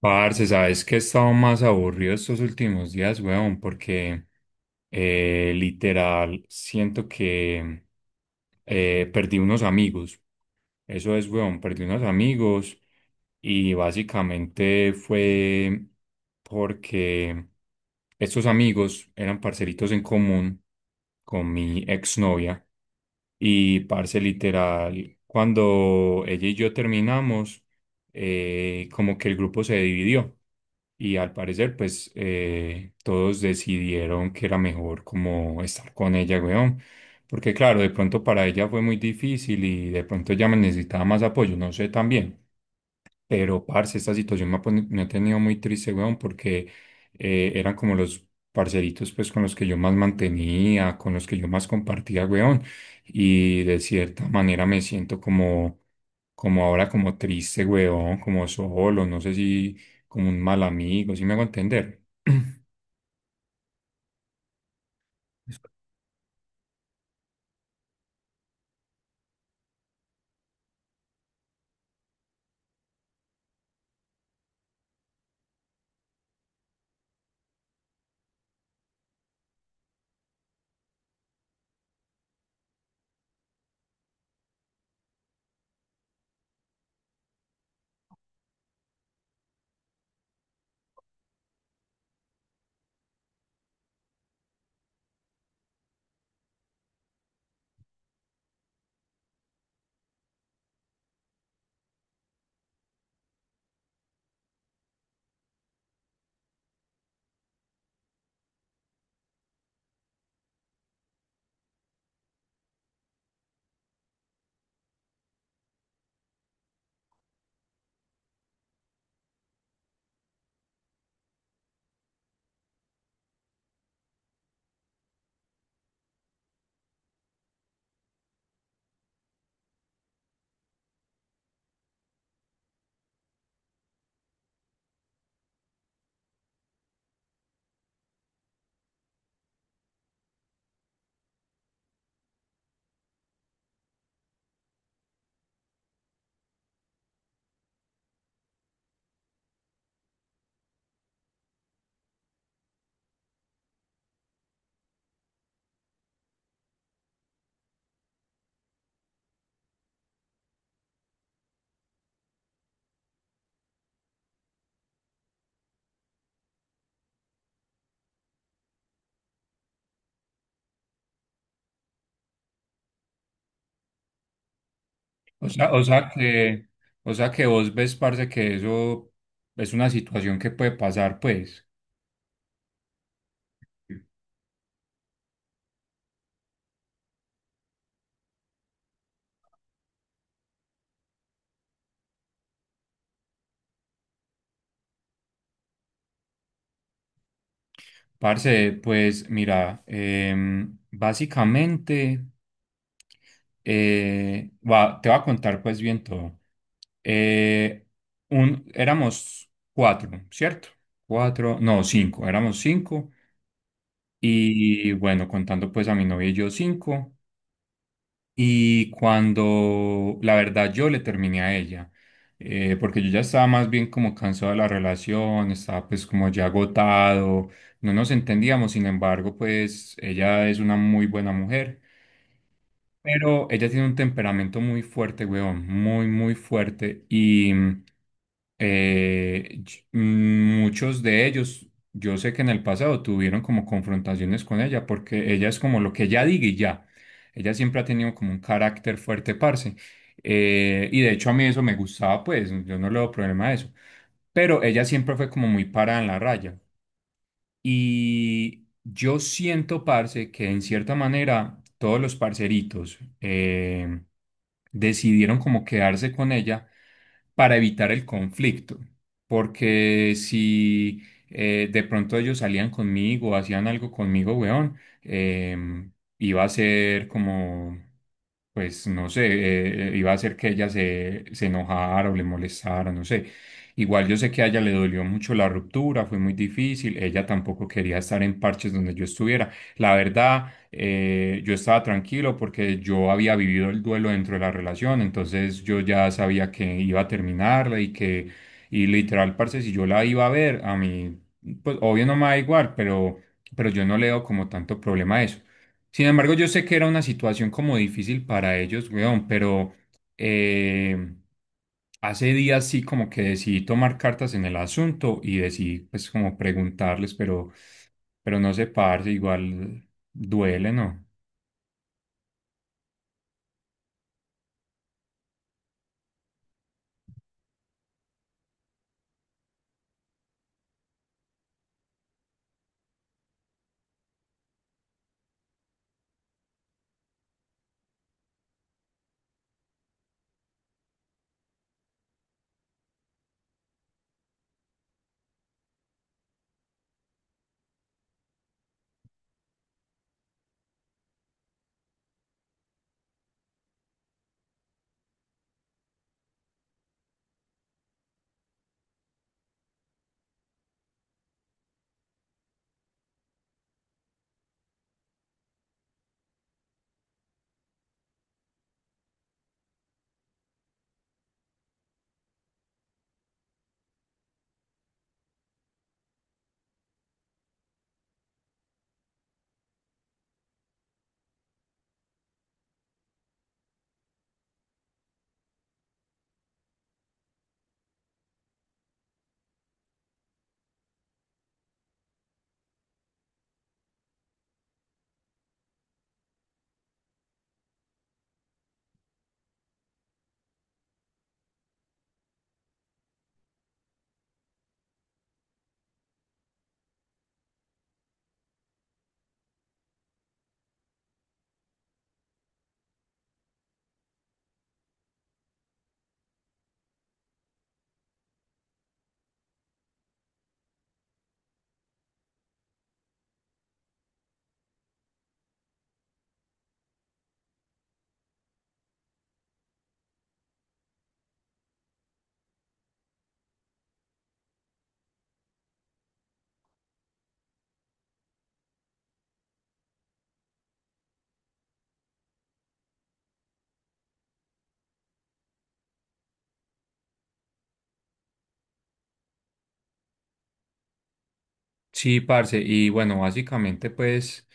Parce, sabes que he estado más aburrido estos últimos días, weón, porque literal siento que perdí unos amigos. Eso es, weón, perdí unos amigos y básicamente fue porque estos amigos eran parceritos en común con mi exnovia y parce literal, cuando ella y yo terminamos, como que el grupo se dividió. Y al parecer, pues todos decidieron que era mejor como estar con ella, weón. Porque claro, de pronto para ella fue muy difícil y de pronto ella me necesitaba más apoyo, no sé también. Pero, parce, esta situación me ha, me ha tenido muy triste, weón, porque eran como los parceritos, pues, con los que yo más mantenía, con los que yo más compartía, weón. Y de cierta manera me siento como, como ahora, como triste, weón, como solo, no sé si como un mal amigo, ¿si me hago entender? O sea, o sea que vos ves, parce, que eso es una situación que puede pasar, pues. Parce, pues mira, básicamente te voy a contar pues bien todo. Eh, Éramos cuatro, ¿cierto? Cuatro, no, cinco, éramos cinco. Y bueno, contando pues a mi novia y yo cinco. Y cuando la verdad yo le terminé a ella, porque yo ya estaba más bien como cansado de la relación, estaba pues como ya agotado, no nos entendíamos, sin embargo pues ella es una muy buena mujer, pero ella tiene un temperamento muy fuerte, weón, muy, muy fuerte. Y muchos de ellos, yo sé que en el pasado tuvieron como confrontaciones con ella, porque ella es como lo que ella diga y ya. Ella siempre ha tenido como un carácter fuerte, parce. Y de hecho a mí eso me gustaba, pues, yo no le doy problema a eso. Pero ella siempre fue como muy parada en la raya. Y yo siento, parce, que en cierta manera todos los parceritos decidieron como quedarse con ella para evitar el conflicto. Porque si de pronto ellos salían conmigo, hacían algo conmigo, weón, em, iba a ser como, pues no sé, iba a ser que ella se, se enojara o le molestara, no sé. Igual yo sé que a ella le dolió mucho la ruptura, fue muy difícil, ella tampoco quería estar en parches donde yo estuviera. La verdad, yo estaba tranquilo porque yo había vivido el duelo dentro de la relación, entonces yo ya sabía que iba a terminarla y que, y literal, parce, si yo la iba a ver, a mí, pues obvio no me da igual, pero yo no le veo como tanto problema a eso. Sin embargo, yo sé que era una situación como difícil para ellos, weón, pero... Eh, hace días sí como que decidí tomar cartas en el asunto y decidí pues como preguntarles, pero no sé, parce, igual duele, ¿no? Sí, parce, y bueno, básicamente pues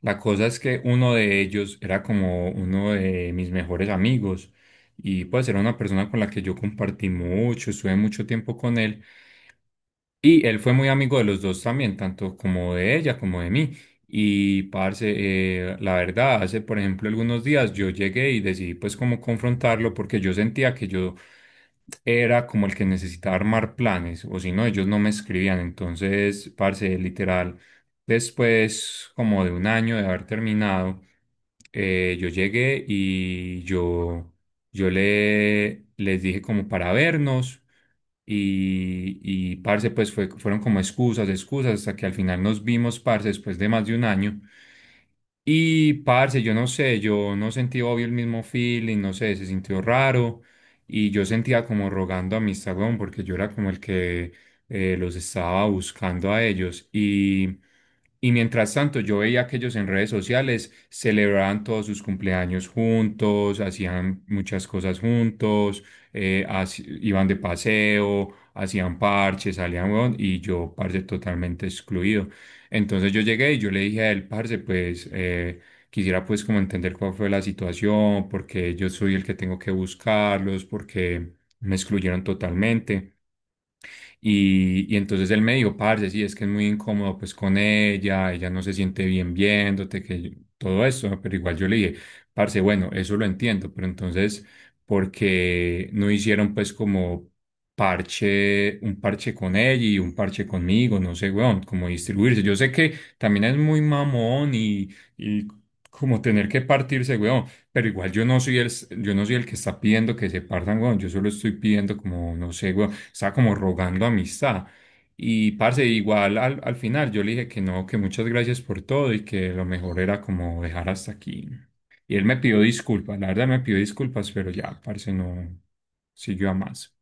la cosa es que uno de ellos era como uno de mis mejores amigos y pues era una persona con la que yo compartí mucho, estuve mucho tiempo con él. Y él fue muy amigo de los dos también, tanto como de ella como de mí. Y parce, la verdad, hace por ejemplo algunos días yo llegué y decidí pues como confrontarlo porque yo sentía que yo era como el que necesitaba armar planes o si no ellos no me escribían. Entonces, parce, literal, después como de un año de haber terminado, yo llegué y yo... les dije como para vernos y parce, pues fue, fueron como excusas, excusas, hasta que al final nos vimos, parce, después de más de un año. Y parce, yo no sé, yo no sentí obvio el mismo feeling, no sé, se sintió raro y yo sentía como rogando a mi weón, porque yo era como el que los estaba buscando a ellos y... Y mientras tanto, yo veía que ellos en redes sociales celebraban todos sus cumpleaños juntos, hacían muchas cosas juntos, iban de paseo, hacían parches, salían, weón, y yo, parce, totalmente excluido. Entonces yo llegué y yo le dije a él, parce, pues quisiera pues como entender cuál fue la situación, porque yo soy el que tengo que buscarlos, porque me excluyeron totalmente. Y entonces él me dijo, parce, sí, es que es muy incómodo pues con ella, ella no se siente bien viéndote, que todo eso, ¿no? Pero igual yo le dije, parce, bueno, eso lo entiendo, pero entonces, ¿por qué no hicieron pues como parche, un parche con ella y un parche conmigo? No sé, weón, como distribuirse. Yo sé que también es muy mamón y como tener que partirse, weón. Pero igual yo no soy el que está pidiendo que se partan, weón. Yo solo estoy pidiendo como, no sé, weón, estaba como rogando amistad. Y parce, igual al final yo le dije que no, que muchas gracias por todo y que lo mejor era como dejar hasta aquí. Y él me pidió disculpas, la verdad me pidió disculpas, pero ya, parce, no siguió a más.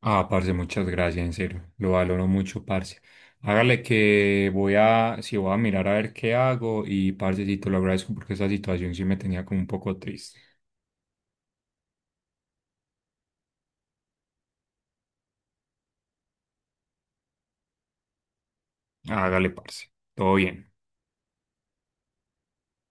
Ah, parce, muchas gracias, en serio. Lo valoro mucho, parce. Hágale que voy a, si voy a mirar a ver qué hago y parce, sí, te lo agradezco porque esa situación sí me tenía como un poco triste. Hágale, parce. Todo bien.